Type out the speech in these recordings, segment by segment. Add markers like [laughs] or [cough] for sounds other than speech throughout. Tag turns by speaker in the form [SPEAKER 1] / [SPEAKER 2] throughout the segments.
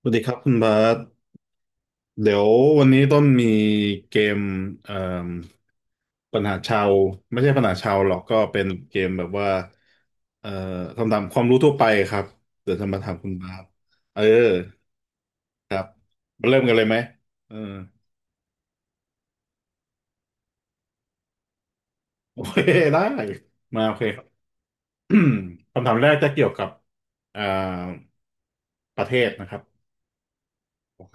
[SPEAKER 1] สวัสดีครับคุณบาสเดี๋ยววันนี้ต้นมีเกมเอ่มปัญหาชาวไม่ใช่ปัญหาชาวหรอกก็เป็นเกมแบบว่าเอ่อคำถามความรู้ทั่วไปครับเดี๋ยวจะมาถามคุณบาสเออครับมาเริ่มกันเลยไหมเออโอเคได้มาโอเค [coughs] ครับ [clears throat] คำถามแรกจะเกี่ยวกับอ่าประเทศนะครับ โอเค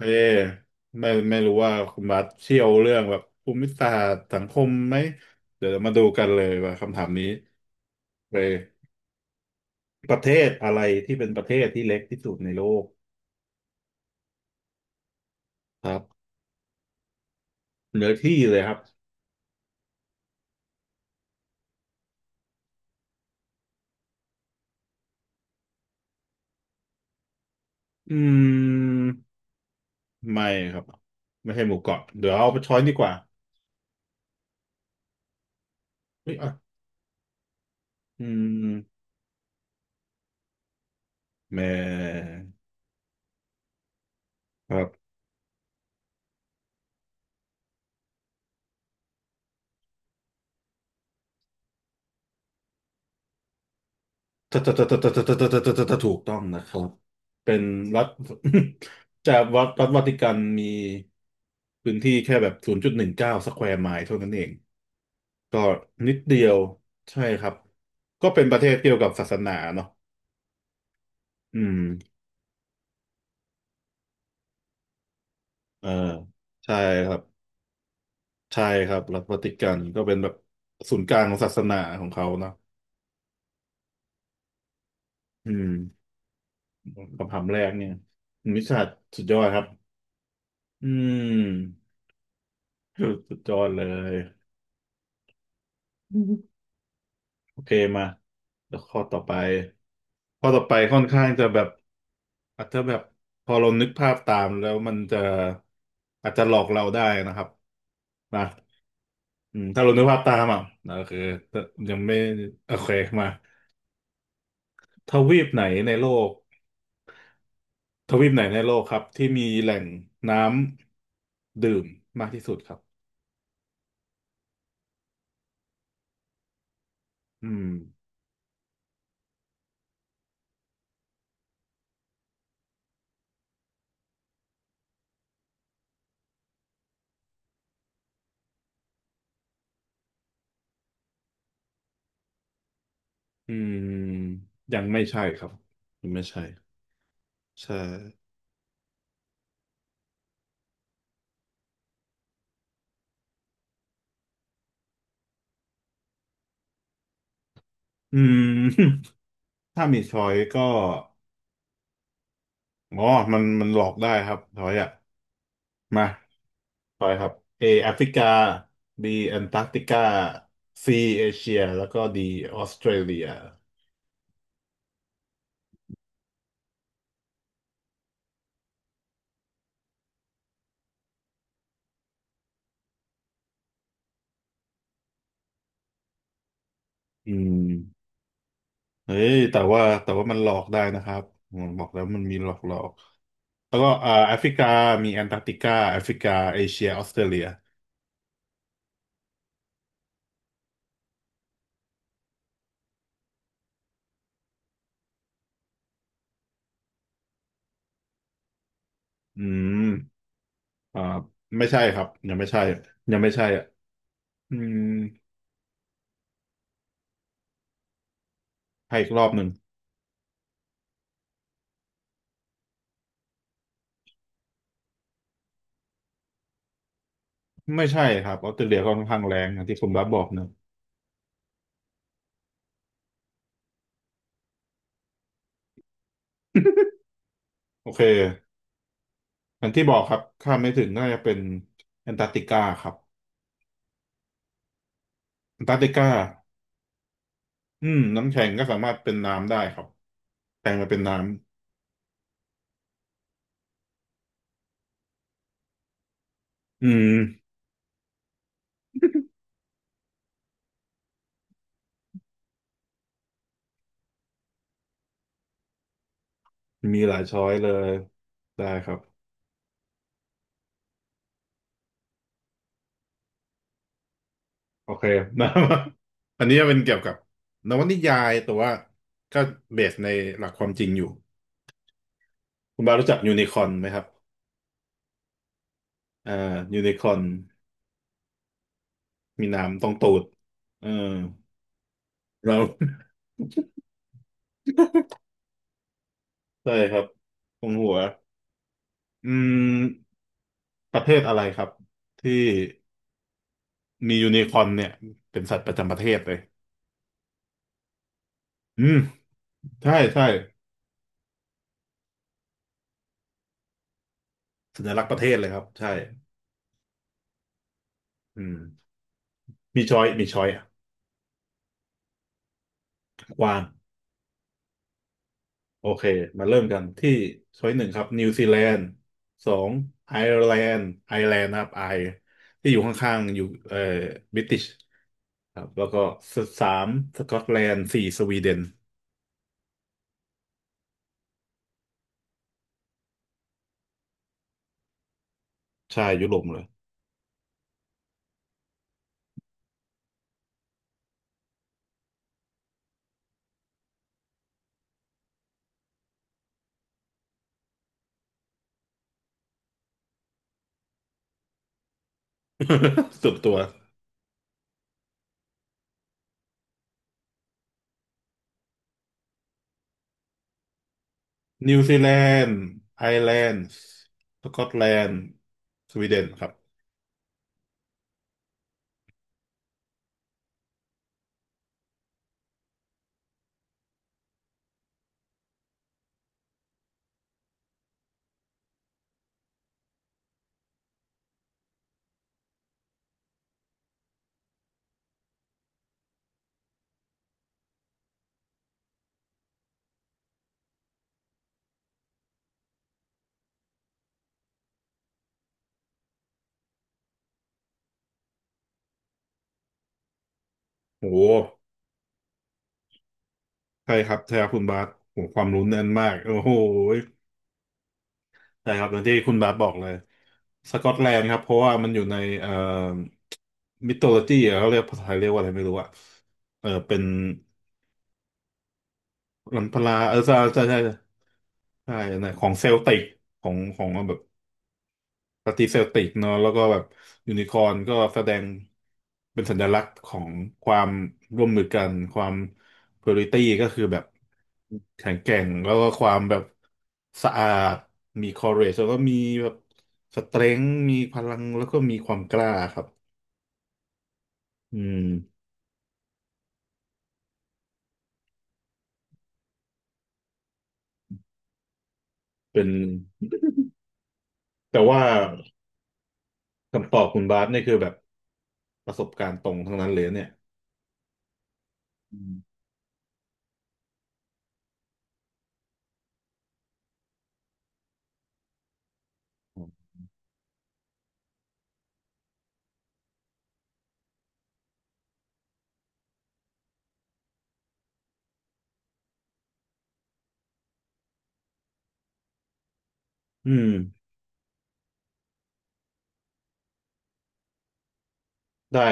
[SPEAKER 1] ไม่รู้ว่าคุณบัสเชี่ยวเรื่องแบบภูมิศาสตร์สังคมไหมเดี๋ยวมาดูกันเลยว่าคำถามนี้ไปประเทศอะไรที่เป็นประเทศที่เล็กที่สุดในโลกครับเนื้อที่เลยครับอืมไม่ครับไม่ใช่หมู่เกาะเดี๋ยวเอาไปช้อยดีกว่าเฮ้ยอ่ะอืมแม่ครับ ถูกต้องนะครับเป็นรัฐ [laughs] จากวัดรัฐวาติกันมีพื้นที่แค่แบบ0.19สแควร์ไมล์เท่านั้นเองก็นิดเดียวใช่ครับก็เป็นประเทศเกี่ยวกับศาสนาเนาะอืมเออใช่ครับใช่ครับรัฐวาติกันก็เป็นแบบศูนย์กลางของศาสนาของเขาเนาะอืมคำถามแรกเนี่ยมิชาสุดยอดครับอืมสุดยอดเลย โอเคมาแล้วข้อต่อไปข้อต่อไปค่อนข้างจะแบบอาจจะแบบพอเรานึกภาพตามแล้วมันจะอาจจะหลอกเราได้นะครับนะอืมถ้าเรานึกภาพตามอ่ะนะคือยังไม่โอเคมาทวีปไหนในโลกทวีปไหนในโลกครับที่มีแหล่งน้ำดื่มมากที่สุดครับอืมอืมยังไม่ใช่ครับยังไม่ใช่ใช่อืม [laughs] ถ้ามีช้อยก็ อ๋อมันหลอกได้ครับทอยอ่ะมาทอยครับ A แอฟริกา B แอนตาร์กติกา C เอเชียแล้วก็ D ออสเตรเลียอืมเฮ้ยแต่ว่ามันหลอกได้นะครับผมบอกแล้วมันมีหลอกหลอกแล้วก็แอฟริกามีแอนตาร์กติกาแอฟริกาเอเชียออสเตรเลียอืมอ่าไม่ใช่ครับยังไม่ใช่ยังไม่ใช่อ่ะอืมให้อีกรอบหนึ่งไม่ใช่ครับออสเตรเลียก็ค่อนข้างแรงอย่างที่คุณบับบอกเนอะโอเค อันที่บอกครับข้ามไม่ถึงน่าจะเป็นแอนตาร์กติกาครับแอนตาร์กติกาอืมน้ำแข็งก็สามารถเป็นน้ำได้ครับแปลงมาเป็นน้ำอืมมีหลายช้อยเลย ได้ครับ โอเคนะ [laughs] อันนี้จะเป็นเกี่ยวกับนวนิยายแต่ว่าก็เบสในหลักความจริงอยู่ คุณบารู้จักยูนิคอ n ไหมครับอ่ายูนิคอ n มีน้ำตรงตูดเออเรา [laughs] ใช่ครับ ตรงหัวอืมประเทศอะไรครับ ที่ มียูนิคอร์นเนี่ยเป็นสัตว์ประจำประเทศเลยอืมใช่ใช่สัญลักษณ์ประเทศเลยครับใช่อืมมีช้อยมีช้อยอ่ะกว้างโอเคมาเริ่มกันที่ช้อยหนึ่งครับนิวซีแลนด์สองไอร์แลนด์ไอร์แลนด์นะครับไอที่อยู่ข้างๆอยู่บริติชครับแล้วก็สามสกอตแลนด์สี่สวีเดนใช่ยุโรปหมดเลย [laughs] สุดตัวนิวซีแลนด์ไอร์แลนด์สกอตแลนด์สวีเดนครับโอว ใช่ครับ ใช่ครับคุณบาสโหความรู้แน่นมาก โอ้โหใช่ครับอย่างที่คุณบาสบอกเลยสกอตแลนด์ครับเพราะว่ามันอยู่ในมิโทโลจีเขาเรียกภาษาไทยเรียกว่าอะไรไม่รู้อะเออเป็นลัมพลาเออใช่ใช่ในของเซลติกของของแบบ ปฏิเซลติกเนอะแล้วก็แบบยูนิคอร์นก็แสดงเป็นสัญลักษณ์ของความร่วมมือกันความpurity ก็คือแบบแข็งแกร่งแล้วก็ความแบบสะอาดมี courage แล้วก็มีแบบสเตรงมีพลังแล้วก็มีความกล้าครับอืมเป็น [laughs] แต่ว่าคำตอบคุณบาสนี่คือแบบประสบการณ์ตรงทั้งนั้นเลยเนี่ยอืมอืมได้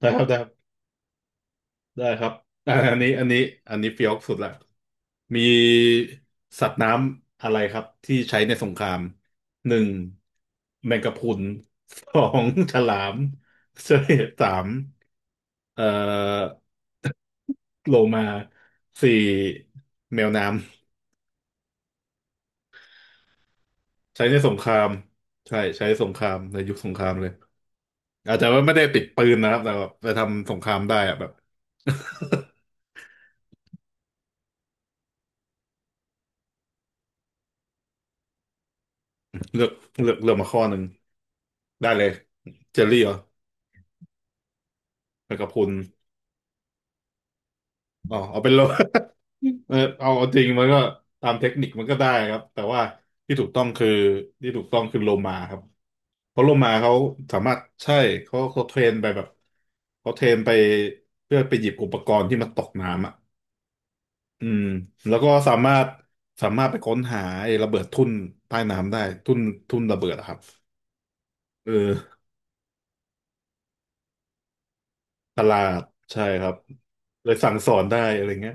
[SPEAKER 1] ได้ครับได้ ได้ครับอ่ะอันนี้เฟี้ยวสุดละ มีสัตว์น้ำอะไรครับที่ใช้ในสงครามหนึ่งแมงกะพรุนสองฉลามเสสามเอ่อโลมาสี่แมวน้ำใช้ในสงครามใช่ใช้สงครามในยุคสงครามเลยอาจจะว่าไม่ได้ติดปืนนะครับแต่แบบไปทำสงครามได้อะแบบ [laughs] เลือกเลือกมาข้อหนึ่งได้เลยเจอรี่เหรอ ไปกับคุณอ๋อเอาเป็นโล [laughs] เออเอาจริงมันก็ตามเทคนิคมันก็ได้ครับแต่ว่าที่ถูกต้องคือที่ถูกต้องคือโลมาครับเพราะโลมาเขาสามารถใช่เขาเทรนไปแบบเขาเทรนไปเพื่อไปหยิบอุปกรณ์ที่มันตกน้ำอ่ะอืมแล้วก็สามารถไปค้นหาไอ้ระเบิดทุ่นใต้น้ำได้ทุ่นทุ่นระเบิดอะครับเออตลาดใช่ครับเลยสั่งสอนได้อะไรเงี้ย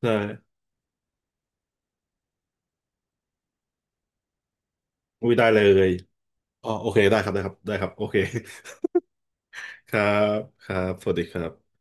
[SPEAKER 1] ใช่อุ้ยได้เลย อ๋อโอเคได้ครับโอเค [laughs] ครับครับสวัสดีครับ